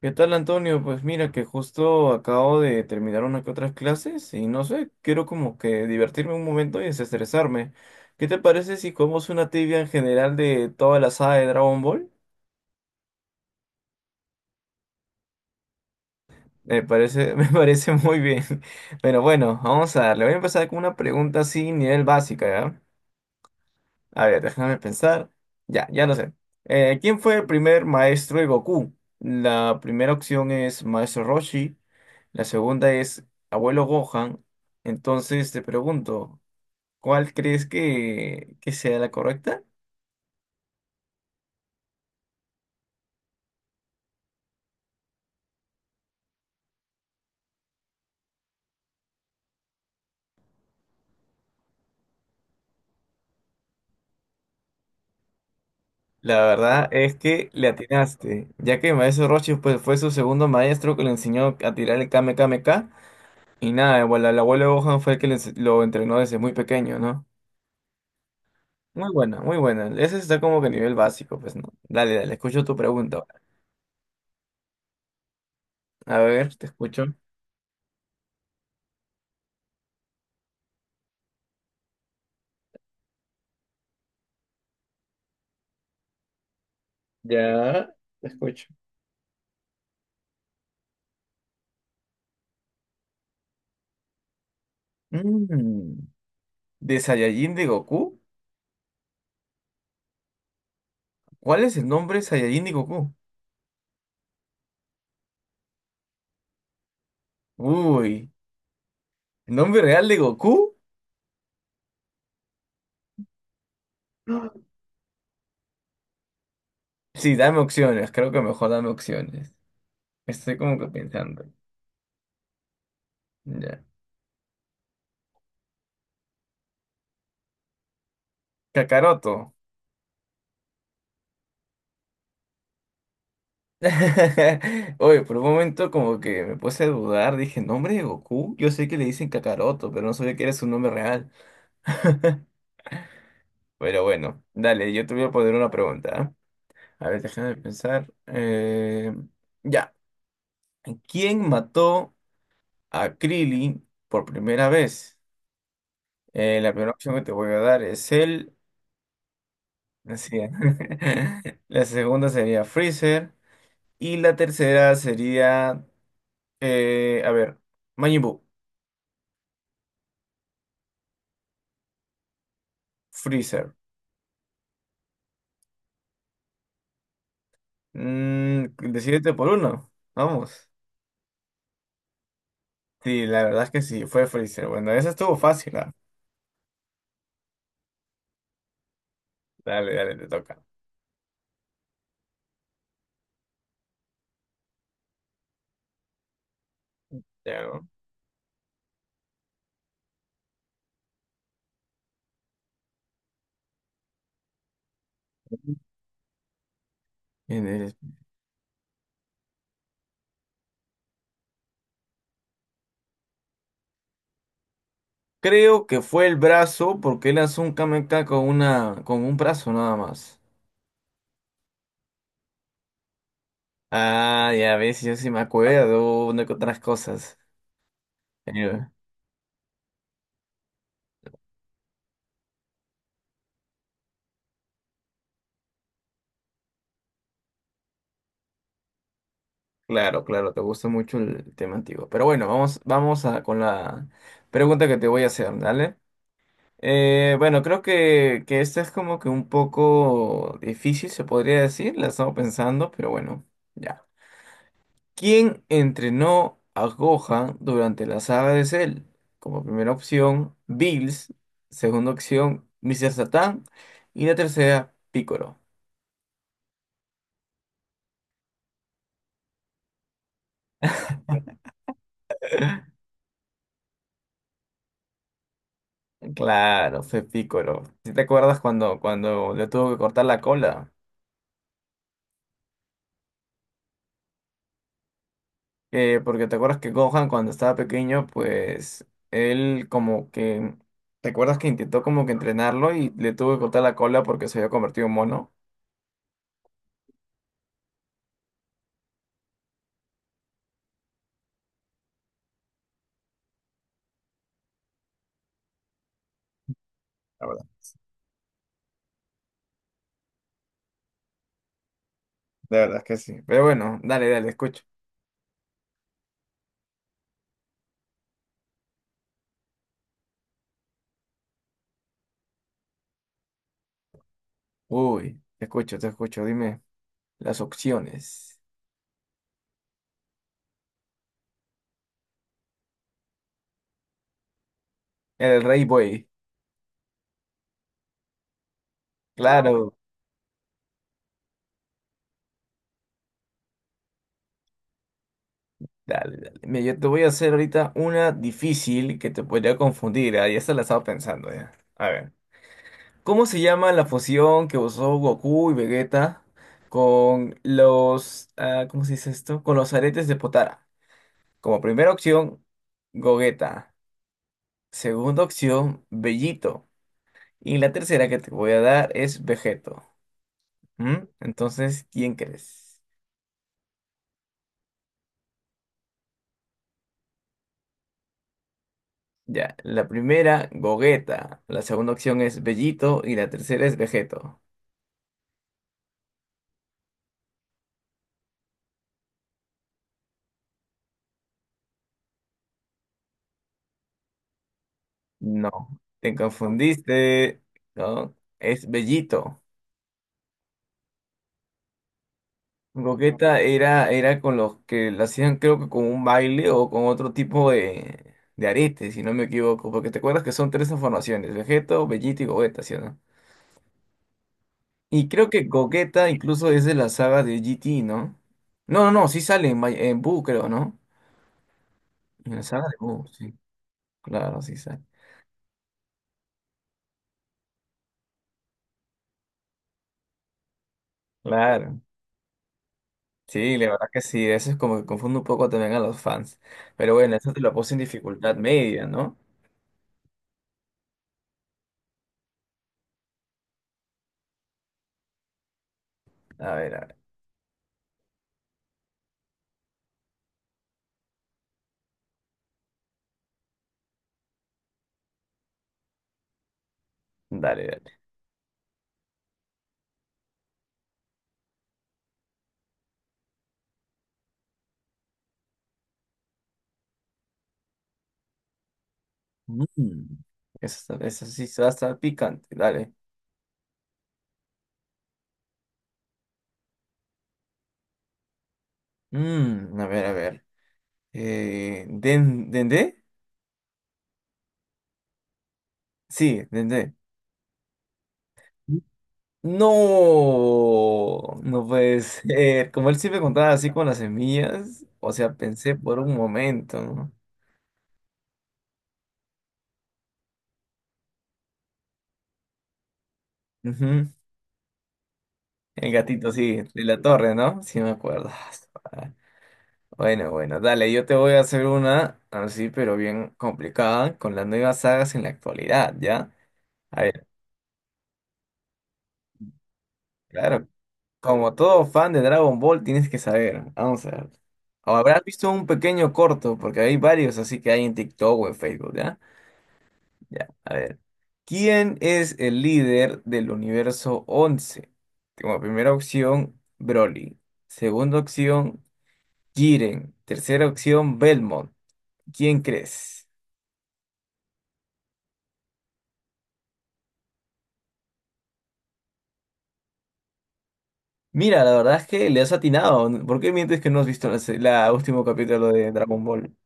¿Qué tal, Antonio? Pues mira que justo acabo de terminar una que otras clases y no sé, quiero como que divertirme un momento y desestresarme. ¿Qué te parece si comemos una tibia en general de toda la saga de Dragon Ball? Me parece, me parece muy bien. Pero bueno, vamos a darle. Voy a empezar con una pregunta así, nivel básica, ¿ya? A ver, déjame pensar. Ya, ya no sé. ¿Quién fue el primer maestro de Goku? La primera opción es Maestro Roshi, la segunda es Abuelo Gohan. Entonces te pregunto, ¿cuál crees que sea la correcta? La verdad es que le atinaste, ya que Maestro Roshi pues, fue su segundo maestro que le enseñó a tirar el Kame Kame Ka. Y nada, bueno, el abuelo Gohan fue el que le ense- lo entrenó desde muy pequeño, ¿no? Muy buena, muy buena. Ese está como que a nivel básico, pues no. Dale, dale, escucho tu pregunta ahora. A ver, te escucho. Ya, te escucho. Mm, ¿De Saiyajin de Goku? ¿Cuál es el nombre de Saiyajin de Goku? Uy, ¿el nombre real de Goku? Sí, dame opciones, creo que mejor dame opciones. Estoy como que pensando. Ya. Kakaroto. Oye, por un momento como que me puse a dudar, dije, ¿nombre de Goku? Yo sé que le dicen Kakaroto, pero no sabía que era su nombre real. Pero bueno, dale, yo te voy a poner una pregunta. ¿Ah? A ver, déjame pensar. Ya. ¿Quién mató a Krillin por primera vez? La primera opción que te voy a dar es él. Así es. La segunda sería Freezer. Y la tercera sería, a ver, Majin Buu. Freezer. Mm, decídete por uno. Vamos. Sí, la verdad es que sí, fue Freezer. Bueno, esa estuvo fácil, ¿ah? Dale, dale, te toca. Ya, ¿no? En el- creo que fue el brazo, porque él lanzó un Kamehameha con un brazo nada más. Ah, ya ves, yo sí me acuerdo de otras cosas. Eh, Claro, claro, te gusta mucho el tema antiguo. Pero bueno, vamos, con la pregunta que te voy a hacer, ¿dale? Bueno, creo que esta es como que un poco difícil, se podría decir, la estamos pensando, pero bueno, ya. ¿Quién entrenó a Gohan durante la saga de Cell? Como primera opción, Bills. Segunda opción, Mr. Satan. Y la tercera, Piccolo. Claro, fue Piccolo. ¿Sí te acuerdas cuando le tuvo que cortar la cola? Porque te acuerdas que Gohan cuando estaba pequeño, pues él como que... ¿Te acuerdas que intentó como que entrenarlo y le tuvo que cortar la cola porque se había convertido en mono? La verdad, la verdad es que sí. Pero bueno, dale, dale, escucha. Uy, te escucho, te escucho. Dime las opciones. El Rey Buey. Claro. Dale, dale. Mira, yo te voy a hacer ahorita una difícil que te podría confundir. Ah, ya se la estaba pensando ya. A ver. ¿Cómo se llama la fusión que usó Goku y Vegeta con los... ah, ¿cómo se dice esto? Con los aretes de Potara. Como primera opción, Gogeta. Segunda opción, Bellito. Y la tercera que te voy a dar es Vegeto. ¿Mm? Entonces, ¿quién crees? Ya, la primera, Gogeta. La segunda opción es Bellito y la tercera es Vegeto. No, te confundiste. No, es Bellito. Gogeta era, era con los que la hacían, creo que con un baile o con otro tipo de arete, si no me equivoco. Porque te acuerdas que son tres transformaciones: Vegeto, Bellito y Gogeta, ¿sí o no? Y creo que Gogeta incluso es de la saga de GT, ¿no? No, no, no, sí sale en, May- en Buu, creo, ¿no? En la saga de Buu, sí. Claro, sí sale. Claro. Sí, la verdad que sí, eso es como que confunde un poco también a los fans. Pero bueno, eso te lo puse en dificultad media, ¿no? A ver, dale, dale. Mm, eso sí va a estar picante, dale. Mm, a ver, a ver. ¿Dendé? Sí, Dendé. No, no puede ser. Como él siempre contaba así con las semillas, o sea, pensé por un momento, ¿no? Ujú. El gatito, sí, de la torre, ¿no? Sí, me acuerdo. Ah, Bueno, bueno, dale, yo te voy a hacer una así, pero bien complicada, con las nuevas sagas en la actualidad, ¿ya? A ver, claro, como todo fan de Dragon Ball tienes que saber, vamos a ver. O habrás visto un pequeño corto, porque hay varios así que hay en TikTok o en Facebook, ¿ya? Ya, a ver. ¿Quién es el líder del universo 11? Como primera opción, Broly. Segunda opción, Jiren. Tercera opción, Belmont. ¿Quién crees? Mira, la verdad es que le has atinado. ¿Por qué mientes que no has visto la último capítulo de Dragon Ball?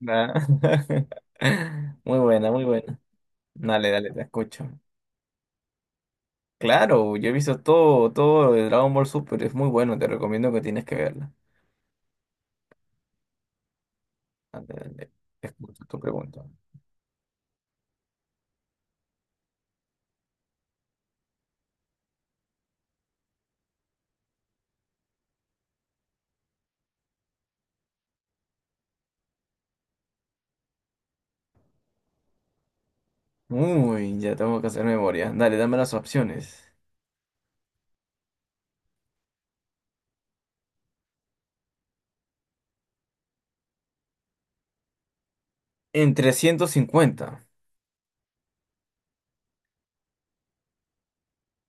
Nah. Muy buena, muy buena. Dale, dale, te escucho. Claro, yo he visto todo, todo de Dragon Ball Super, es muy bueno, te recomiendo que tienes que verla. Dale, dale, te escucho tu pregunta. Uy, ya tengo que hacer memoria. Dale, dame las opciones. En 350.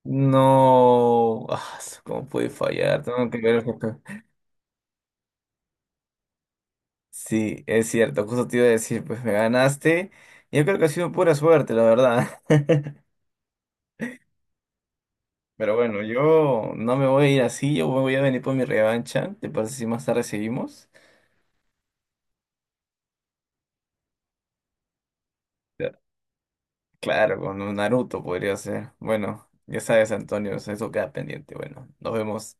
No, ¿cómo puede fallar? Tengo que ver. Sí, es cierto, justo te iba a decir, pues me ganaste. Yo creo que ha sido pura suerte, la verdad. Pero bueno, yo no me voy a ir así, yo voy a venir por mi revancha. ¿Te parece si más tarde seguimos? Ya. Claro, con un Naruto podría ser. Bueno, ya sabes, Antonio, eso queda pendiente. Bueno, nos vemos.